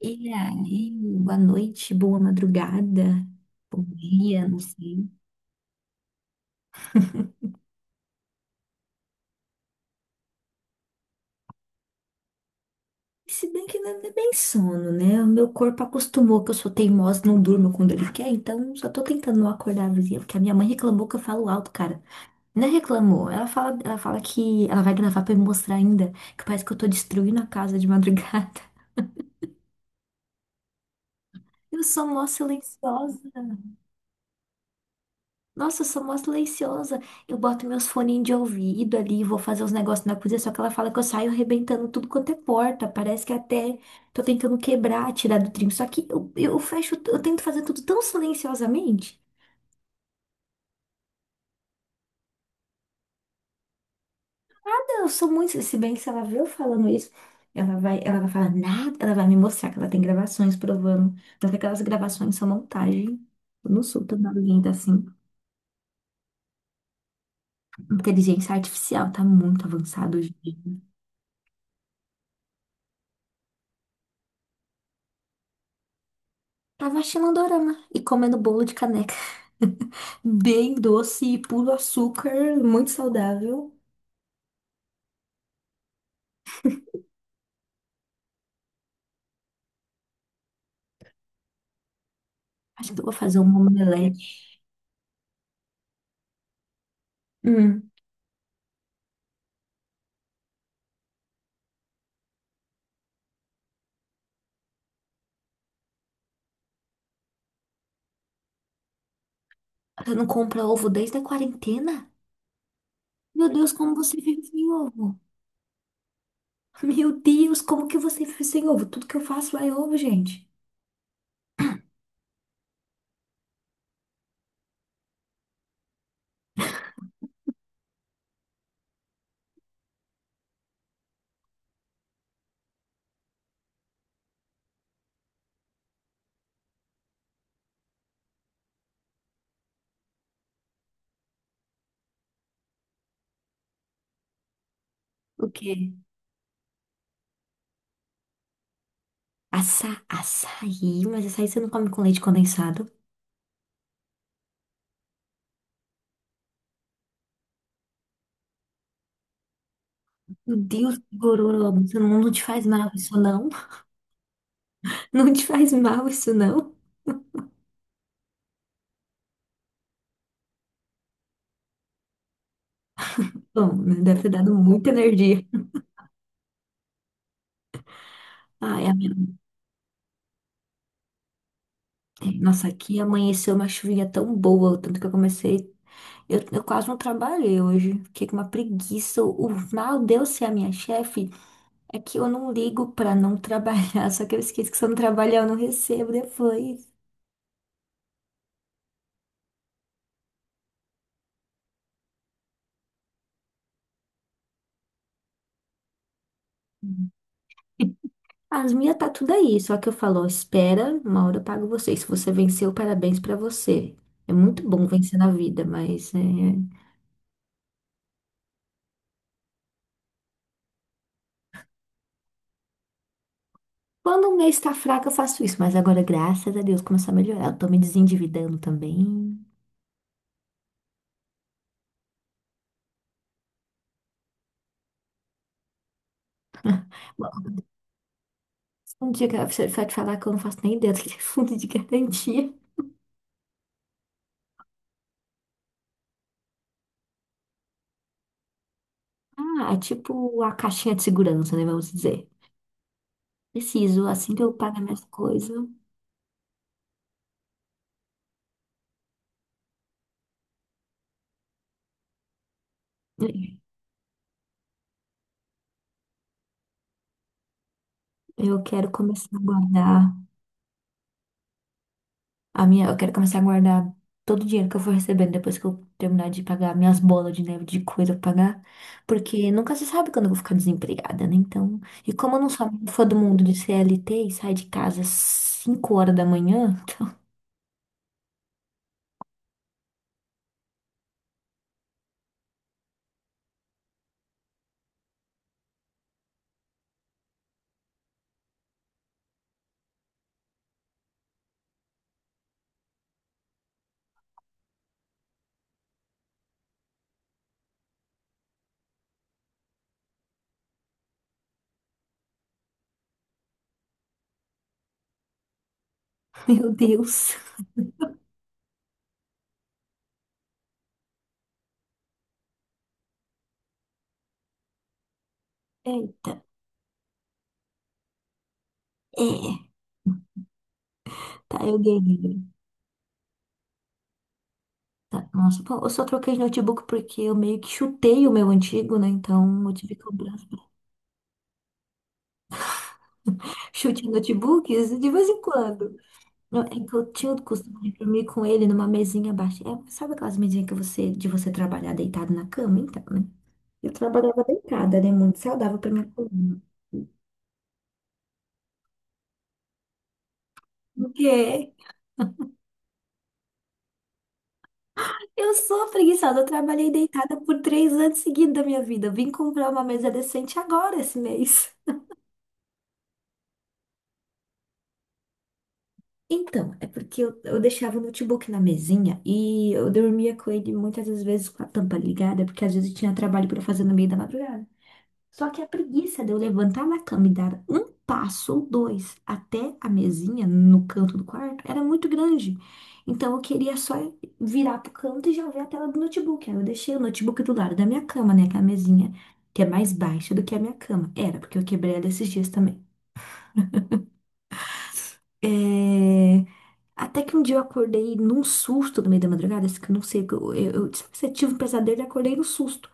E aí, boa noite, boa madrugada, bom dia, não sei. Se bem que não é bem sono, né? O meu corpo acostumou que eu sou teimosa, não durmo quando ele quer, então só tô tentando não acordar a vizinha, porque a minha mãe reclamou que eu falo alto, cara. Não é reclamou, ela fala que ela vai gravar pra me mostrar ainda, que parece que eu tô destruindo a casa de madrugada. Eu sou mó silenciosa. Nossa, eu sou mó silenciosa. Eu boto meus foninhos de ouvido ali, vou fazer os negócios na cozinha, só que ela fala que eu saio arrebentando tudo quanto é porta. Parece que até tô tentando quebrar, tirar do trinco. Só que eu fecho, eu tento fazer tudo tão silenciosamente. Eu sou muito, se bem que se ela vê eu falando isso, ela vai falar nada, ela vai me mostrar que ela tem gravações provando. Mas que aquelas gravações são montagem. Eu não sou tão barulhenta assim. Inteligência artificial tá muito avançada hoje. Tava assistindo um dorama e comendo bolo de caneca. Bem doce e puro açúcar, muito saudável. Acho que eu vou fazer um omelete. Hum, você não compra ovo desde a quarentena? Meu Deus, como você vive sem ovo? Meu Deus, como que você vive sem ovo? Tudo que eu faço é ovo, gente. O quê? Açaí, mas açaí você não come com leite condensado? Meu Deus, que gororoba, isso não te faz mal isso não? Não te faz mal isso não? Bom, né, deve ter dado muita energia. Ai, a Nossa, aqui amanheceu uma chuvinha tão boa, o tanto que eu comecei. Eu quase não trabalhei hoje. Fiquei com uma preguiça. O mal de eu ser a minha chefe é que eu não ligo pra não trabalhar. Só que eu esqueço que se eu não trabalhar, eu não recebo depois. As minhas tá tudo aí. Só que eu falo, ó, espera, uma hora eu pago você. Se você venceu, parabéns pra você. É muito bom vencer na vida, mas é, quando o mês tá fraco, eu faço isso. Mas agora, graças a Deus, começou a melhorar. Eu tô me desendividando também. Um dia que a professora vai te falar que eu não faço nem ideia do que é fundo de garantia. Ah, é tipo a caixinha de segurança, né? Vamos dizer. Preciso, assim que eu pagar minhas coisas, eu quero começar a guardar eu quero começar a guardar todo o dinheiro que eu for recebendo depois que eu terminar de pagar minhas bolas de neve de coisa pra pagar, porque nunca se sabe quando eu vou ficar desempregada, né? Então, e como eu não sou muito fã do mundo de CLT e saio de casa às 5 horas da manhã, então, meu Deus. Eita, é. Tá, eu ganhei. Tá, nossa, bom, eu só troquei de notebook porque eu meio que chutei o meu antigo, né? Então eu tive que comprar chute em notebooks de vez em quando. Não, é que eu tinha o costume de dormir com ele numa mesinha baixa. É, sabe aquelas mesinhas que você, de você trabalhar deitado na cama? Então, né? Eu trabalhava deitada, né? Muito saudável pra minha coluna. O Porque eu sou preguiçosa, eu trabalhei deitada por 3 anos seguidos da minha vida. Eu vim comprar uma mesa decente agora esse mês. Então, é porque eu deixava o notebook na mesinha e eu dormia com ele muitas das vezes com a tampa ligada, porque às vezes eu tinha trabalho para fazer no meio da madrugada. Só que a preguiça de eu levantar na cama e dar um passo ou dois até a mesinha no canto do quarto era muito grande. Então eu queria só virar pro canto e já ver a tela do notebook. Aí eu deixei o notebook do lado da minha cama, né? Que é a mesinha que é mais baixa do que a minha cama. Era, porque eu quebrei ela esses dias também. É... Até que um dia eu acordei num susto no meio da madrugada, assim, que eu não sei, que eu tive um pesadelo e acordei no susto.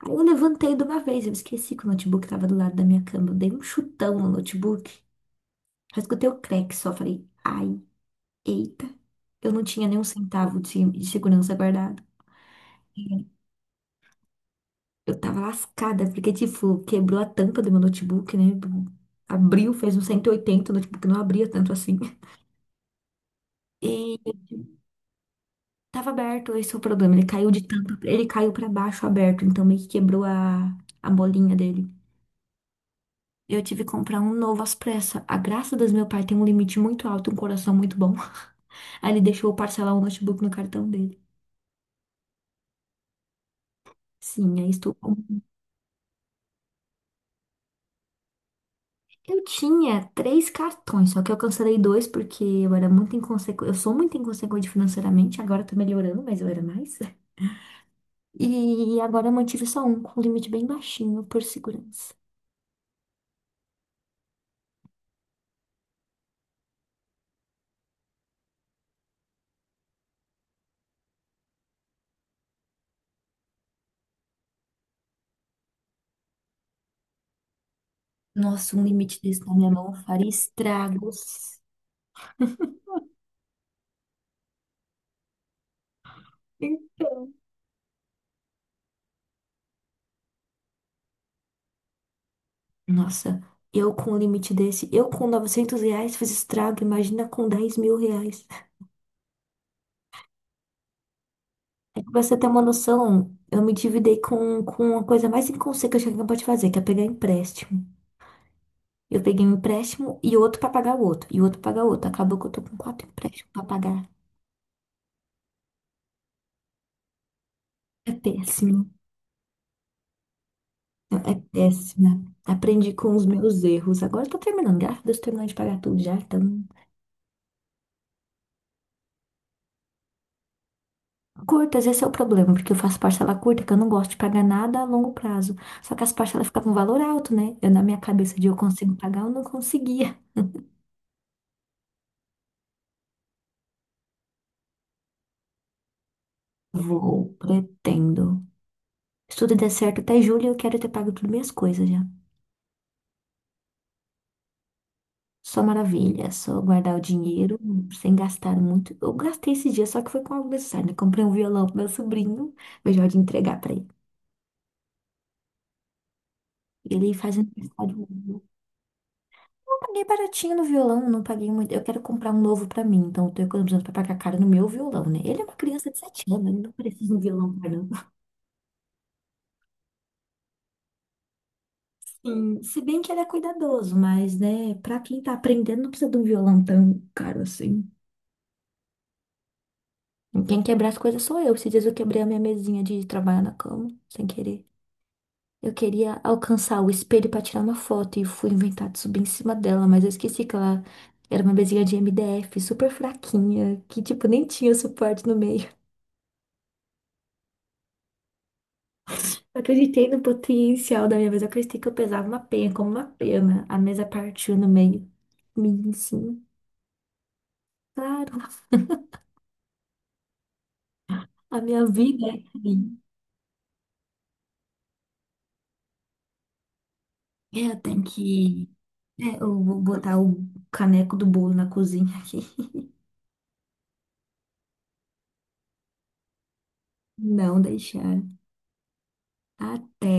Aí eu levantei de uma vez, eu esqueci que o notebook tava do lado da minha cama. Eu dei um chutão no notebook, só escutei o crack só, falei, ai, eita. Eu não tinha nem um centavo de segurança guardado. Eu tava lascada, porque, tipo, quebrou a tampa do meu notebook, né? Abriu, fez um 180, o notebook não abria tanto assim. E tava aberto, esse é o problema. Ele caiu de tanto. Ele caiu pra baixo aberto, então meio que quebrou a bolinha dele. Eu tive que comprar um novo às pressas. A graça das meu pai tem um limite muito alto, um coração muito bom. Aí ele deixou eu parcelar o notebook no cartão dele. Sim, aí estou. Com- um eu tinha três cartões, só que eu cancelei dois porque eu era muito inconsequente. Eu sou muito inconsequente financeiramente, agora tô melhorando, mas eu era mais. E agora eu mantive só um, com um limite bem baixinho, por segurança. Nossa, um limite desse na minha mão faria estragos. Então. Nossa, eu com um limite desse, eu com 900 reais fiz estrago, imagina com 10 mil reais. É que pra você ter uma noção, eu me endividei com a coisa mais inconsequente que alguém pode fazer, que é pegar empréstimo. Eu peguei um empréstimo e outro pra pagar o outro, e outro pra pagar o outro. Acabou que eu tô com 4 empréstimos pra pagar. É péssimo, é péssima. Aprendi com os meus erros. Agora eu tô terminando, graças a Deus, terminando de pagar tudo já, então. Curtas, esse é o problema, porque eu faço parcela curta, que eu não gosto de pagar nada a longo prazo. Só que as parcelas ficavam um valor alto, né? Eu, na minha cabeça de eu consigo pagar, eu não conseguia. Vou, pretendo. Se tudo der certo até julho, eu quero ter pago tudo minhas coisas já. Só maravilha, só guardar o dinheiro sem gastar muito. Eu gastei esse dia, só que foi com algo necessário, né? Comprei um violão pro meu sobrinho, eu já de entregar pra ele. Ele faz aniversário. Paguei baratinho no violão, não paguei muito. Eu quero comprar um novo pra mim, então eu tô economizando pra pagar caro no meu violão, né? Ele é uma criança de 7 anos, ele não precisa de um violão caro. Sim, se bem que ele é cuidadoso, mas, né, pra quem tá aprendendo, não precisa de um violão tão caro assim. Quem quebra as coisas sou eu. Esses dias eu quebrei a minha mesinha de trabalhar na cama, sem querer. Eu queria alcançar o espelho pra tirar uma foto e fui inventar de subir em cima dela, mas eu esqueci que ela era uma mesinha de MDF, super fraquinha, que, tipo, nem tinha suporte no meio. Eu acreditei no potencial da minha mesa. Eu acreditei que eu pesava uma penha, como uma pena. A mesa partiu no meio. Mim, sim. Claro, a minha vida é assim. É, eu tenho que. É, eu vou botar o caneco do bolo na cozinha aqui. Não deixar. Até